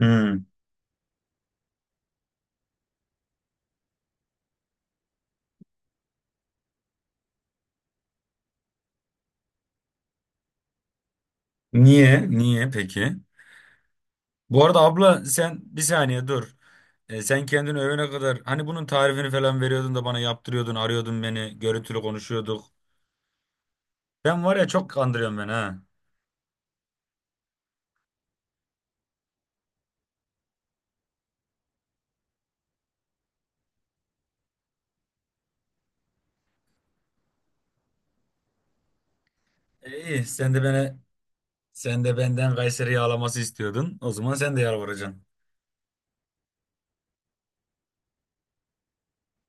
Hmm. Niye? Niye peki? Bu arada abla sen bir saniye dur. Sen kendini övene kadar hani bunun tarifini falan veriyordun da bana yaptırıyordun, arıyordun beni, görüntülü konuşuyorduk. Sen var ya çok kandırıyorsun beni ha. E, iyi sen de benden Kayseri yağlaması istiyordun. O zaman sen de yalvaracaksın.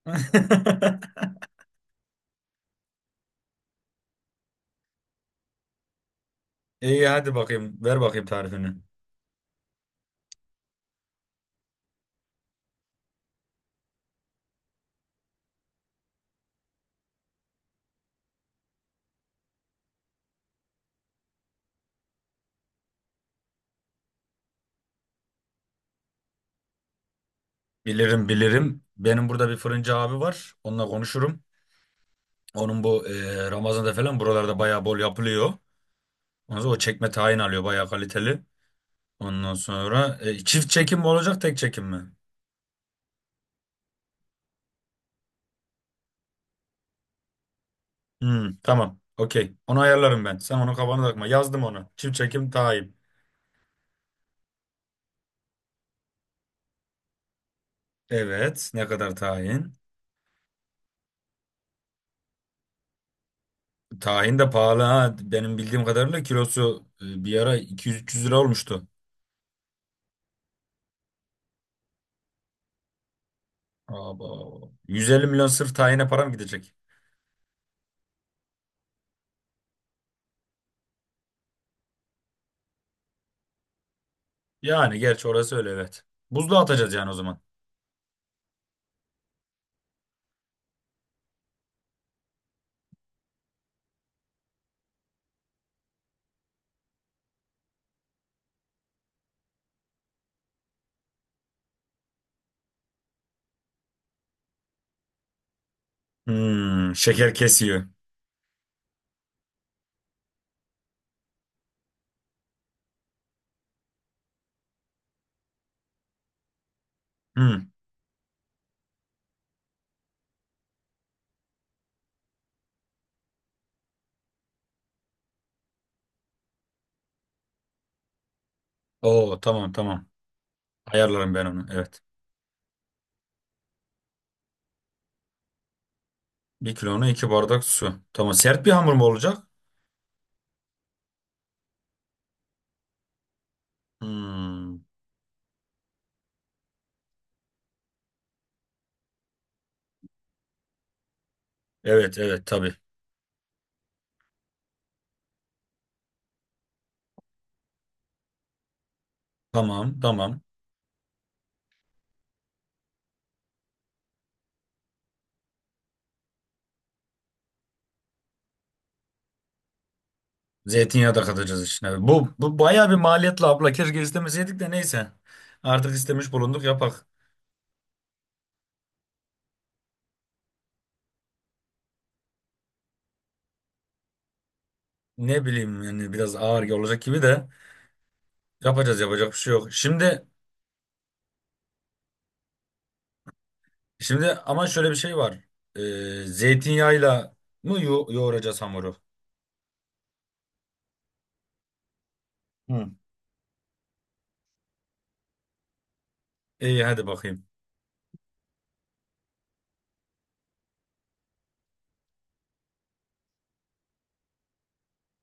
İyi hadi bakayım ver bakayım tarifini. Bilirim bilirim. Benim burada bir fırıncı abi var. Onunla konuşurum. Onun bu Ramazan'da falan buralarda bayağı bol yapılıyor. Ondan sonra o çekme tayin alıyor bayağı kaliteli. Ondan sonra çift çekim mi olacak tek çekim mi? Hmm, tamam. Okey. Onu ayarlarım ben. Sen onu kafana takma. Yazdım onu. Çift çekim tayin. Evet. Ne kadar tayin? Tahin de pahalı ha. Benim bildiğim kadarıyla kilosu bir ara 200-300 lira olmuştu. Abo. 150 milyon sırf tahine param gidecek. Yani gerçi orası öyle, evet. Buzluğa atacağız yani o zaman. Hmm, şeker kesiyor. Hmm. Oo, tamam, tamam. Ayarlarım ben onu. Evet. Bir kilona 2 bardak su. Tamam. Sert bir hamur mu olacak? Hmm. Evet, evet, tabii. Tamam, tamam. Zeytinyağı da katacağız içine. Bu bayağı bir maliyetli abla. Keşke istemeseydik de neyse. Artık istemiş bulunduk, yapak. Ne bileyim yani biraz ağır olacak gibi de yapacağız, yapacak bir şey yok. Şimdi ama şöyle bir şey var. Ee, zeytinyağıyla mı yoğuracağız hamuru? Hı. İyi hadi bakayım.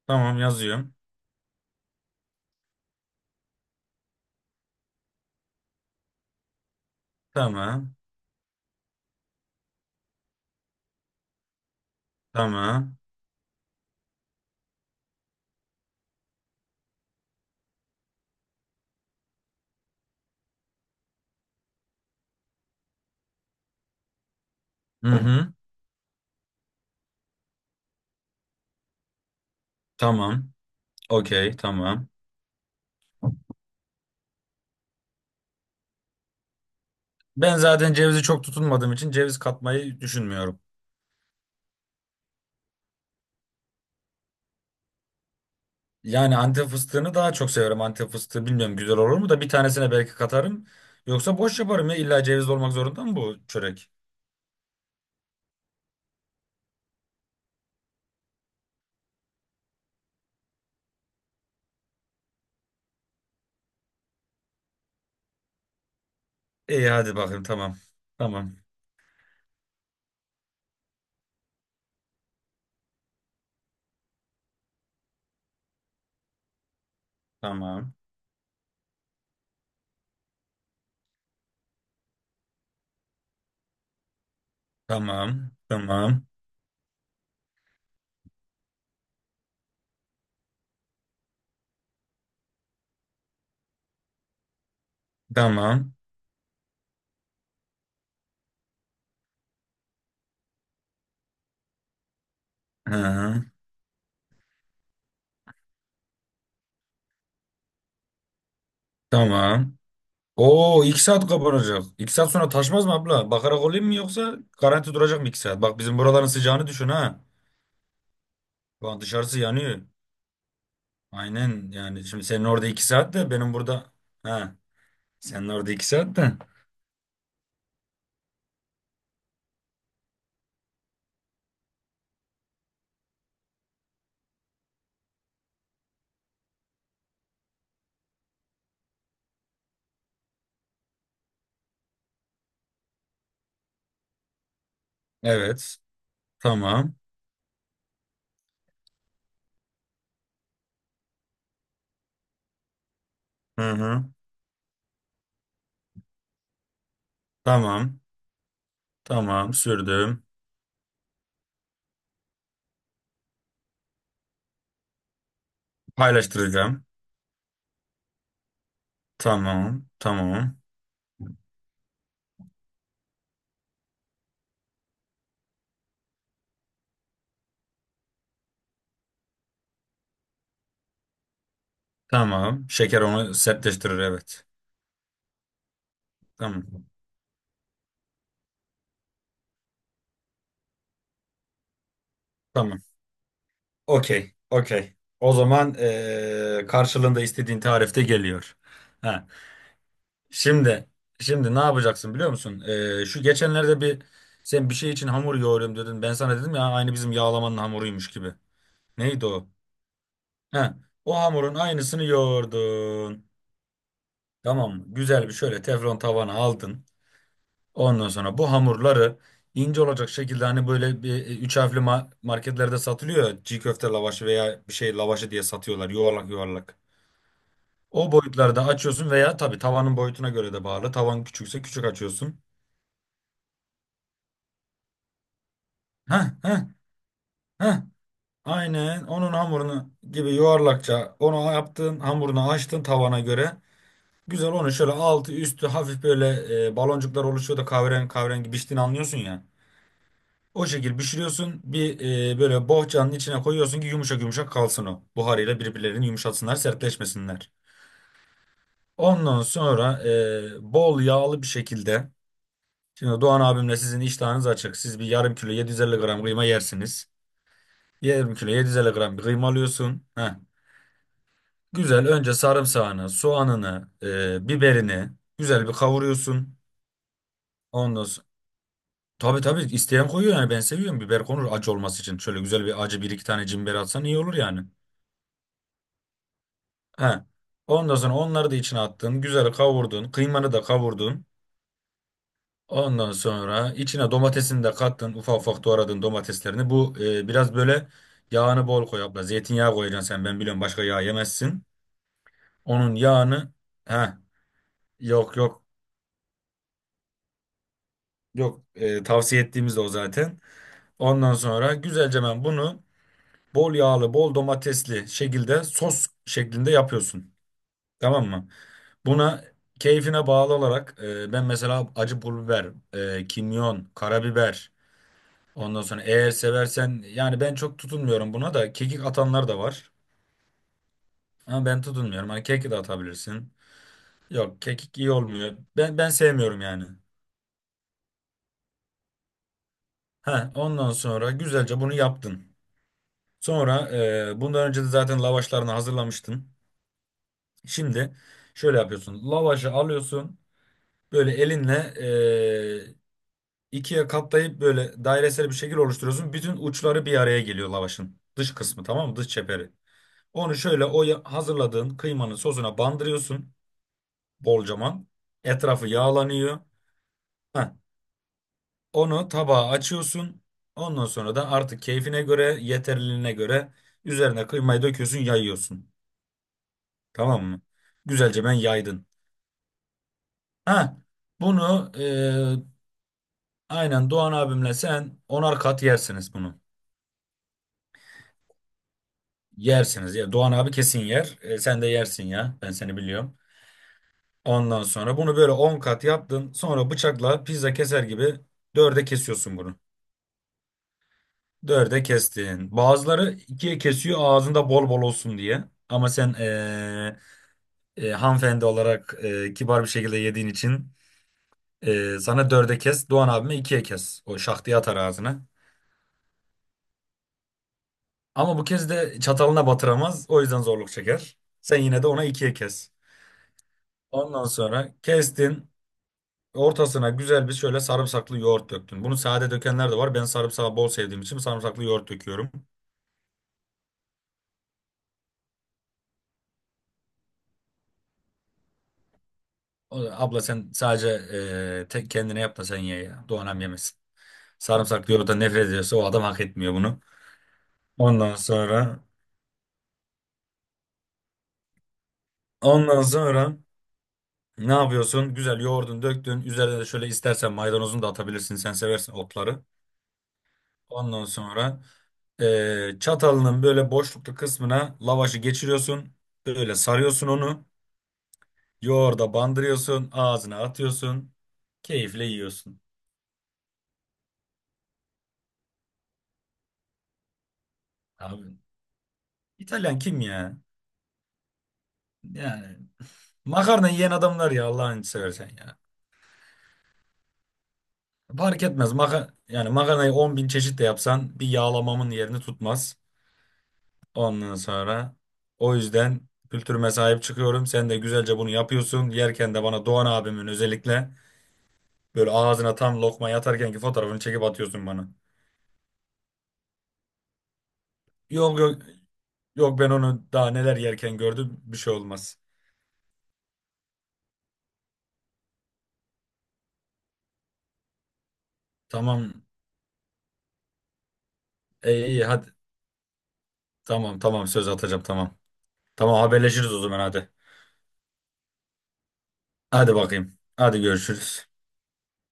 Tamam, yazıyorum. Tamam. Tamam. Hı hı. Tamam. Okey, tamam. Ben zaten cevizi çok tutunmadığım için ceviz katmayı düşünmüyorum. Yani Antep fıstığını daha çok seviyorum, Antep fıstığı bilmiyorum güzel olur mu da bir tanesine belki katarım. Yoksa boş yaparım ya, illa ceviz olmak zorunda mı bu çörek? İyi hadi bakayım, tamam. Tamam. Tamam. Tamam. Tamam. Tamam. Hı, hı. Tamam. Oo, 2 saat kapanacak. 2 saat sonra taşmaz mı abla? Bakarak olayım mı yoksa garanti duracak mı 2 saat? Bak bizim buraların sıcağını düşün ha. Şu an dışarısı yanıyor. Aynen, yani şimdi senin orada 2 saat de benim burada. Ha, senin orada 2 saat de. Evet. Tamam. Hı hı. Tamam. Tamam, sürdüm. Paylaştıracağım. Tamam. Tamam. Tamam, şeker onu sertleştirir, evet. Tamam. Tamam. Okey. Okey, o zaman karşılığında istediğin tarifte geliyor. Ha. Şimdi şimdi ne yapacaksın biliyor musun? Şu geçenlerde bir sen bir şey için hamur yoğuruyorum dedin. Ben sana dedim ya, aynı bizim yağlamanın hamuruymuş gibi. Neydi o? He, o hamurun aynısını yoğurdun. Tamam mı? Güzel bir şöyle teflon tavana aldın. Ondan sonra bu hamurları ince olacak şekilde, hani böyle bir üç harfli marketlerde satılıyor ya, çiğ köfte lavaşı veya bir şey lavaşı diye satıyorlar yuvarlak yuvarlak. O boyutlarda açıyorsun veya tabii tavanın boyutuna göre de bağlı. Tavan küçükse küçük açıyorsun. Heh, heh, heh. Aynen onun hamurunu gibi yuvarlakça onu yaptın, hamurunu açtın tavana göre. Güzel onu şöyle altı üstü hafif böyle baloncuklar oluşuyor da kahverengi kahverengi piştiğini anlıyorsun ya. O şekil pişiriyorsun bir böyle bohçanın içine koyuyorsun ki yumuşak yumuşak kalsın o. Buharıyla birbirlerini yumuşatsınlar, sertleşmesinler. Ondan sonra bol yağlı bir şekilde. Şimdi Doğan abimle sizin iştahınız açık. Siz bir yarım kilo 750 gram kıyma yersiniz. Yarım kilo 750 gram bir kıyma alıyorsun. Heh. Güzel önce sarımsağını, soğanını, biberini güzel bir kavuruyorsun. Ondan sonra, tabii tabii isteyen koyuyor yani, ben seviyorum biber konur acı olması için. Şöyle güzel bir acı, bir iki tane cimber atsan iyi olur yani. He. Ondan sonra onları da içine attın, güzel kavurdun, kıymanı da kavurdun. Ondan sonra içine domatesini de kattın, ufak ufak doğradın domateslerini. Bu biraz böyle yağını bol koy abla. Zeytinyağı koyacaksın sen, ben biliyorum başka yağ yemezsin. Onun yağını. He. Yok, yok. Yok, tavsiye ettiğimiz de o zaten. Ondan sonra güzelce, ben bunu bol yağlı, bol domatesli şekilde sos şeklinde yapıyorsun. Tamam mı? Buna keyfine bağlı olarak ben mesela acı pul biber, kimyon, karabiber. Ondan sonra eğer seversen yani, ben çok tutunmuyorum, buna da kekik atanlar da var. Ama ben tutunmuyorum. Hani kekik de atabilirsin. Yok, kekik iyi olmuyor. Ben sevmiyorum yani. Ha, ondan sonra güzelce bunu yaptın. Sonra bundan önce de zaten lavaşlarını hazırlamıştın. Şimdi şöyle yapıyorsun. Lavaşı alıyorsun. Böyle elinle e, ikiye katlayıp böyle dairesel bir şekil oluşturuyorsun. Bütün uçları bir araya geliyor lavaşın. Dış kısmı, tamam mı? Dış çeperi. Onu şöyle hazırladığın kıymanın sosuna bandırıyorsun. Bolcaman. Etrafı yağlanıyor. Heh. Onu tabağa açıyorsun. Ondan sonra da artık keyfine göre, yeterliliğine göre üzerine kıymayı döküyorsun, yayıyorsun. Tamam mı? Güzelce ben yaydın. Ha, bunu aynen Doğan abimle sen onar kat yersiniz bunu. Yersiniz ya. Doğan abi kesin yer. Sen de yersin ya. Ben seni biliyorum. Ondan sonra bunu böyle 10 kat yaptın. Sonra bıçakla pizza keser gibi dörde kesiyorsun bunu. Dörde kestin. Bazıları ikiye kesiyor ağzında bol bol olsun diye. Ama sen hanımefendi olarak kibar bir şekilde yediğin için sana dörde kes. Doğan abime ikiye kes. O şak diye atar ağzına. Ama bu kez de çatalına batıramaz. O yüzden zorluk çeker. Sen yine de ona ikiye kes. Ondan sonra kestin. Ortasına güzel bir şöyle sarımsaklı yoğurt döktün. Bunu sade dökenler de var. Ben sarımsağı bol sevdiğim için sarımsaklı yoğurt döküyorum. O da, abla sen sadece tek kendine yap da sen ye ya. Doğanem yemesin. Sarımsaklı yoğurttan nefret ediyorsa o adam hak etmiyor bunu. Ondan sonra ondan sonra ne yapıyorsun? Güzel yoğurdun döktün. Üzerine de şöyle istersen maydanozunu da atabilirsin. Sen seversin otları. Ondan sonra çatalının böyle boşluklu kısmına lavaşı geçiriyorsun. Böyle sarıyorsun onu. Yoğurda bandırıyorsun. Ağzına atıyorsun. Keyifle yiyorsun. Abi, İtalyan kim ya? Yani makarna yiyen adamlar ya, Allah'ını seversen ya. Fark etmez. Yani makarnayı 10 bin çeşit de yapsan bir yağlamamın yerini tutmaz. Ondan sonra o yüzden kültürüme sahip çıkıyorum. Sen de güzelce bunu yapıyorsun. Yerken de bana Doğan abimin özellikle böyle ağzına tam lokma yatarkenki fotoğrafını çekip atıyorsun bana. Yok, yok, yok, ben onu daha neler yerken gördüm, bir şey olmaz. Tamam. e, iyi hadi, tamam, tamam, söz, atacağım, tamam. Tamam, haberleşiriz o zaman, hadi. Hadi bakayım. Hadi görüşürüz.